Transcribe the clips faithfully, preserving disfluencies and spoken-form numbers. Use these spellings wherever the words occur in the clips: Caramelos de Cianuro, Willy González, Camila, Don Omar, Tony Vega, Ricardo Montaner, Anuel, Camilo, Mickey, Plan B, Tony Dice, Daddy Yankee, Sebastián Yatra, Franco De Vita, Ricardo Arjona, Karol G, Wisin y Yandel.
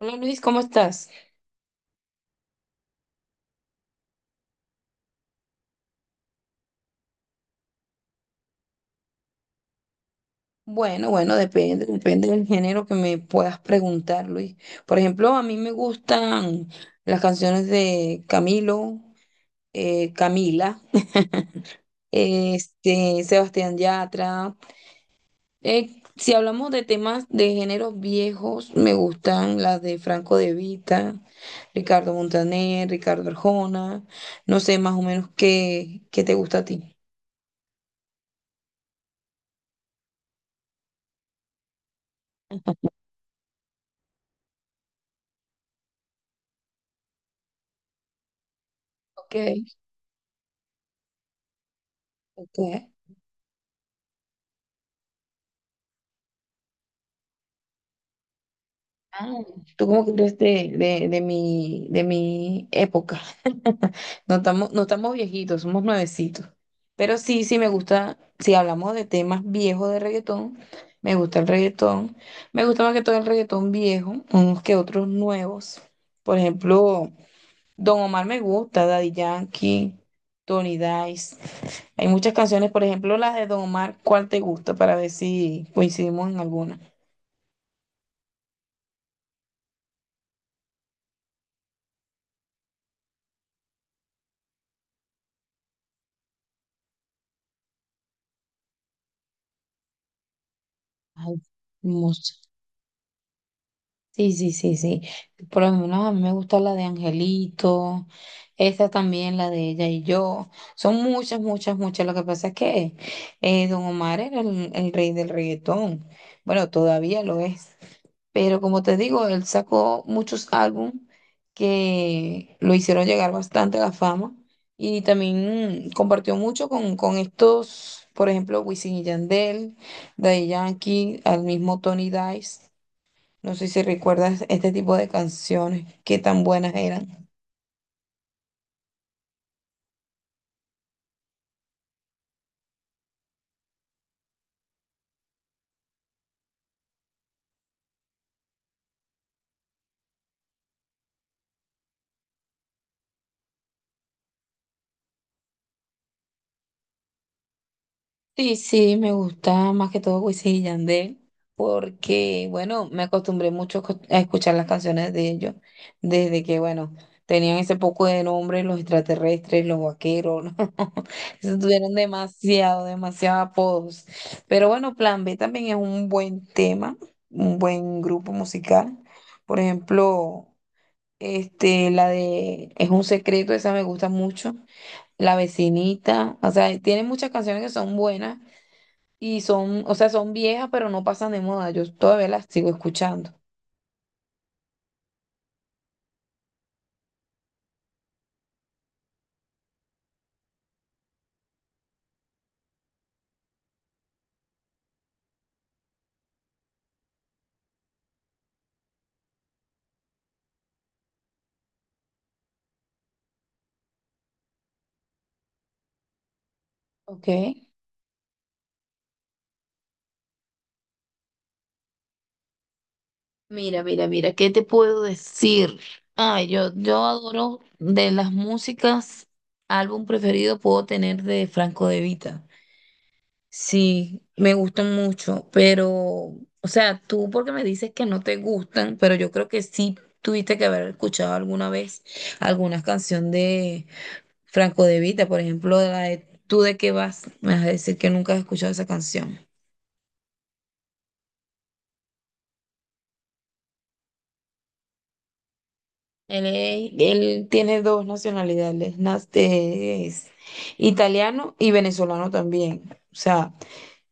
Hola Luis, ¿cómo estás? Bueno, bueno, depende, depende del género que me puedas preguntar, Luis. Por ejemplo, a mí me gustan las canciones de Camilo, eh, Camila, este, Sebastián Yatra. Eh, si hablamos de temas de géneros viejos, me gustan las de Franco De Vita, Ricardo Montaner, Ricardo Arjona. No sé más o menos qué, qué te gusta a ti. Ok, ok. Ah, tú como que eres de, de, de mi, de mi época. No estamos, no estamos viejitos, somos nuevecitos. Pero sí, sí me gusta, si hablamos de temas viejos de reggaetón, me gusta el reggaetón. Me gusta más que todo el reggaetón viejo, unos que otros nuevos. Por ejemplo, Don Omar me gusta, Daddy Yankee, Tony Dice. Hay muchas canciones, por ejemplo, las de Don Omar, ¿cuál te gusta? Para ver si coincidimos en alguna. Ay, hermoso. Sí, sí, sí, sí. Por lo menos a mí me gusta la de Angelito, esa también, la de ella y yo. Son muchas, muchas, muchas. Lo que pasa es que eh, Don Omar era el, el rey del reggaetón. Bueno, todavía lo es. Pero como te digo, él sacó muchos álbumes que lo hicieron llegar bastante a la fama. Y también mm, compartió mucho con, con estos, por ejemplo, Wisin y Yandel, Daddy Yankee, al mismo Tony Dice. No sé si recuerdas este tipo de canciones, qué tan buenas eran. Sí, sí, me gusta más que todo Wisin y Yandel, porque, bueno, me acostumbré mucho co- a escuchar las canciones de ellos, desde que, bueno, tenían ese poco de nombre los extraterrestres, los vaqueros, ¿no? Eso tuvieron demasiado, demasiados apodos. Pero bueno, Plan B también es un buen tema, un buen grupo musical. Por ejemplo, este, la de Es un secreto, esa me gusta mucho. La vecinita, o sea, tiene muchas canciones que son buenas y son, o sea, son viejas, pero no pasan de moda. Yo todavía las sigo escuchando. Ok. Mira, mira, mira, ¿qué te puedo decir? Ay, yo, yo adoro de las músicas, álbum preferido puedo tener de Franco De Vita. Sí, me gustan mucho, pero, o sea, tú porque me dices que no te gustan, pero yo creo que sí tuviste que haber escuchado alguna vez alguna canción de Franco De Vita, por ejemplo, la de ¿Tú de qué vas? Me vas a decir que nunca has escuchado esa canción. Él, es- él tiene dos nacionalidades, nas- eh, es italiano y venezolano también. O sea,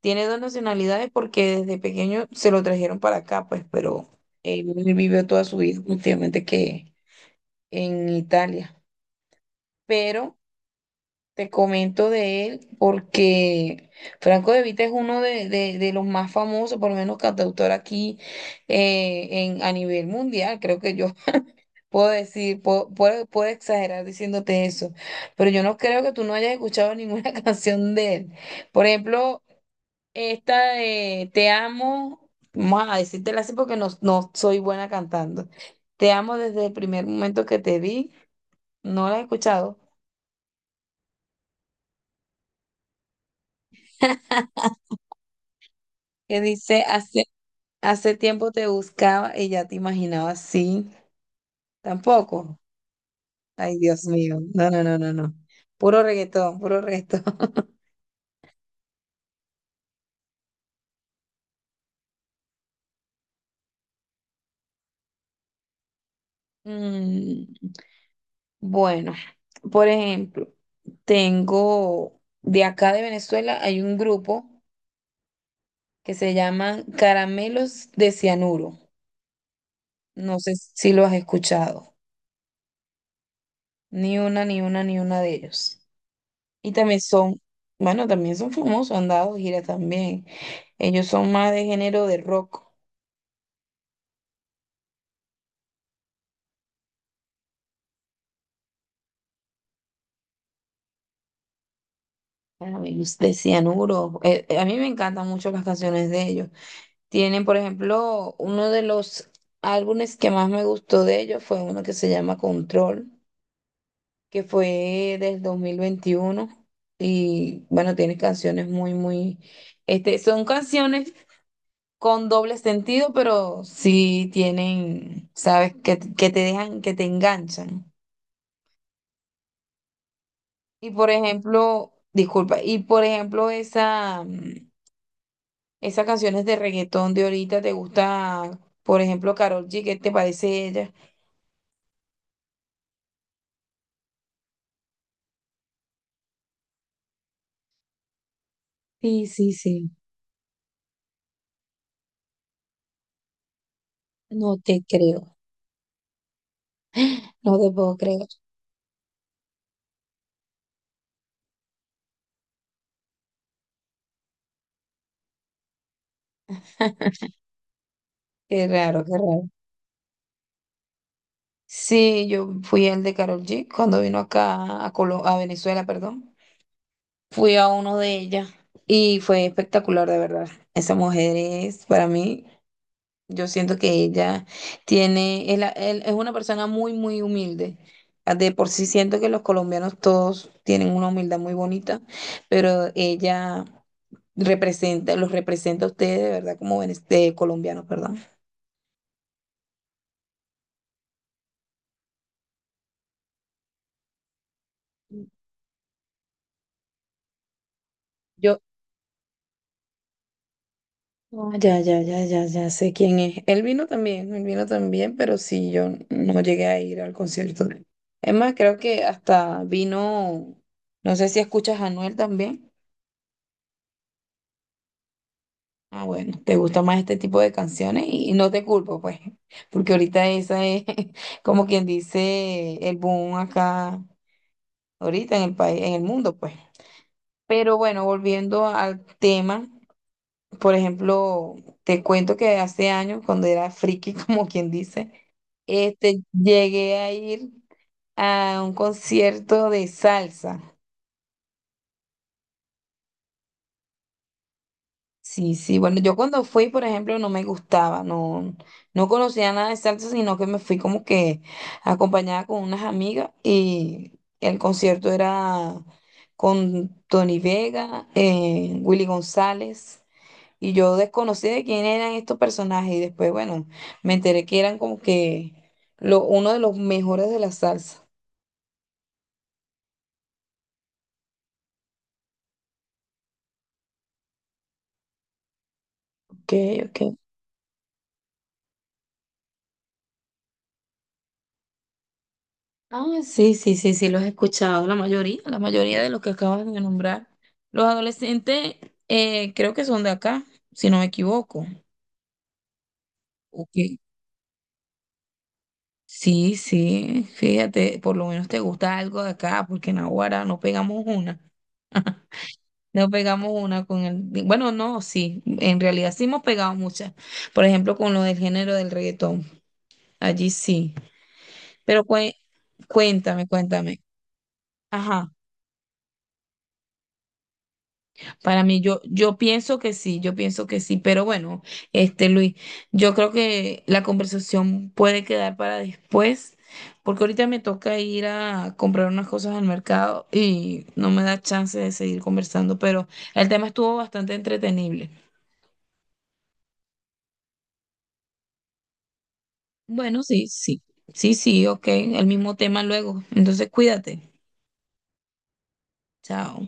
tiene dos nacionalidades porque desde pequeño se lo trajeron para acá, pues, pero él vivió toda su vida últimamente que en Italia. Pero te comento de él porque Franco De Vita es uno de, de- de los más famosos, por lo menos cantautor aquí eh, en, a nivel mundial. Creo que yo puedo decir, puedo, puedo- puedo exagerar diciéndote eso, pero yo no creo que tú no hayas escuchado ninguna canción de él. Por ejemplo, esta de Te amo, vamos a decírtela así porque no, no soy buena cantando. Te amo desde el primer momento que te vi, no la he escuchado. Que dice, hace tiempo te buscaba y ya te imaginaba así. Tampoco. Ay, Dios mío. No, no, no, no, no. Puro reggaetón, puro reggaetón. Mm, bueno, por ejemplo, tengo de acá de Venezuela hay un grupo que se llama Caramelos de Cianuro. No sé si lo has escuchado. Ni una, ni una, ni una de ellos. Y también son, bueno, también son famosos, han dado giras también. Ellos son más de género de rock. A ver, De Cianuro. Eh, eh, a mí me encantan mucho las canciones de ellos. Tienen, por ejemplo, uno de los álbumes que más me gustó de ellos fue uno que se llama Control, que fue del dos mil veintiuno. Y bueno, tiene canciones muy, muy, este, son canciones con doble sentido, pero sí tienen, sabes, que, que te dejan, que te enganchan. Y por ejemplo, disculpa, y por ejemplo, esa. mm, Esas canciones de reggaetón de ahorita, ¿te gusta, por ejemplo, Karol G? ¿Qué te parece ella? Sí, sí, sí. No te creo. No te puedo creer. Qué raro, qué raro. Sí, yo fui al de Karol G cuando vino acá a Colo- a Venezuela, perdón. Fui a uno de ellas y fue espectacular, de verdad. Esa mujer es para mí. Yo siento que ella tiene, es, la- él- es una persona muy, muy humilde. Ah, de por sí siento que los colombianos todos tienen una humildad muy bonita, pero ella representa, los representa a ustedes de verdad como vene- de colombianos, perdón. Yo, ah, ya, ya, ya, ya, ya sé quién es. Él vino también, él vino también, pero sí, yo no llegué a ir al concierto de él. Es más, creo que hasta vino, no sé si escuchas a Anuel también. Ah, bueno, te gusta más este tipo de canciones y, y no te culpo, pues, porque ahorita esa es como quien dice el boom acá, ahorita en el país, en el mundo, pues. Pero bueno, volviendo al tema, por ejemplo, te cuento que hace años, cuando era friki, como quien dice, este, llegué a ir a un concierto de salsa. Sí, sí, bueno, yo cuando fui, por ejemplo, no me gustaba, no, no conocía nada de salsa, sino que me fui como que acompañada con unas amigas y el concierto era con Tony Vega, eh, Willy González, y yo desconocí de quién eran estos personajes y después, bueno, me enteré que eran como que lo, uno de los mejores de la salsa. Ok, ok. Ah, sí, sí, sí, sí, los he escuchado, la mayoría, la mayoría de los que acabas de nombrar. Los adolescentes eh, creo que son de acá, si no me equivoco. Ok. Sí, sí, fíjate, por lo menos te gusta algo de acá, porque en Aguara no pegamos una. No pegamos una con el... Bueno, no, sí, en realidad sí hemos pegado muchas. Por ejemplo, con lo del género del reggaetón, allí sí. Pero cué- cuéntame, cuéntame. Ajá. Para mí, yo, yo pienso que sí, yo pienso que sí, pero bueno, este Luis, yo creo que la conversación puede quedar para después, porque ahorita me toca ir a comprar unas cosas al mercado y no me da chance de seguir conversando, pero el tema estuvo bastante entretenible. Bueno, sí, sí, sí, sí, ok, el mismo tema luego, entonces cuídate, chao.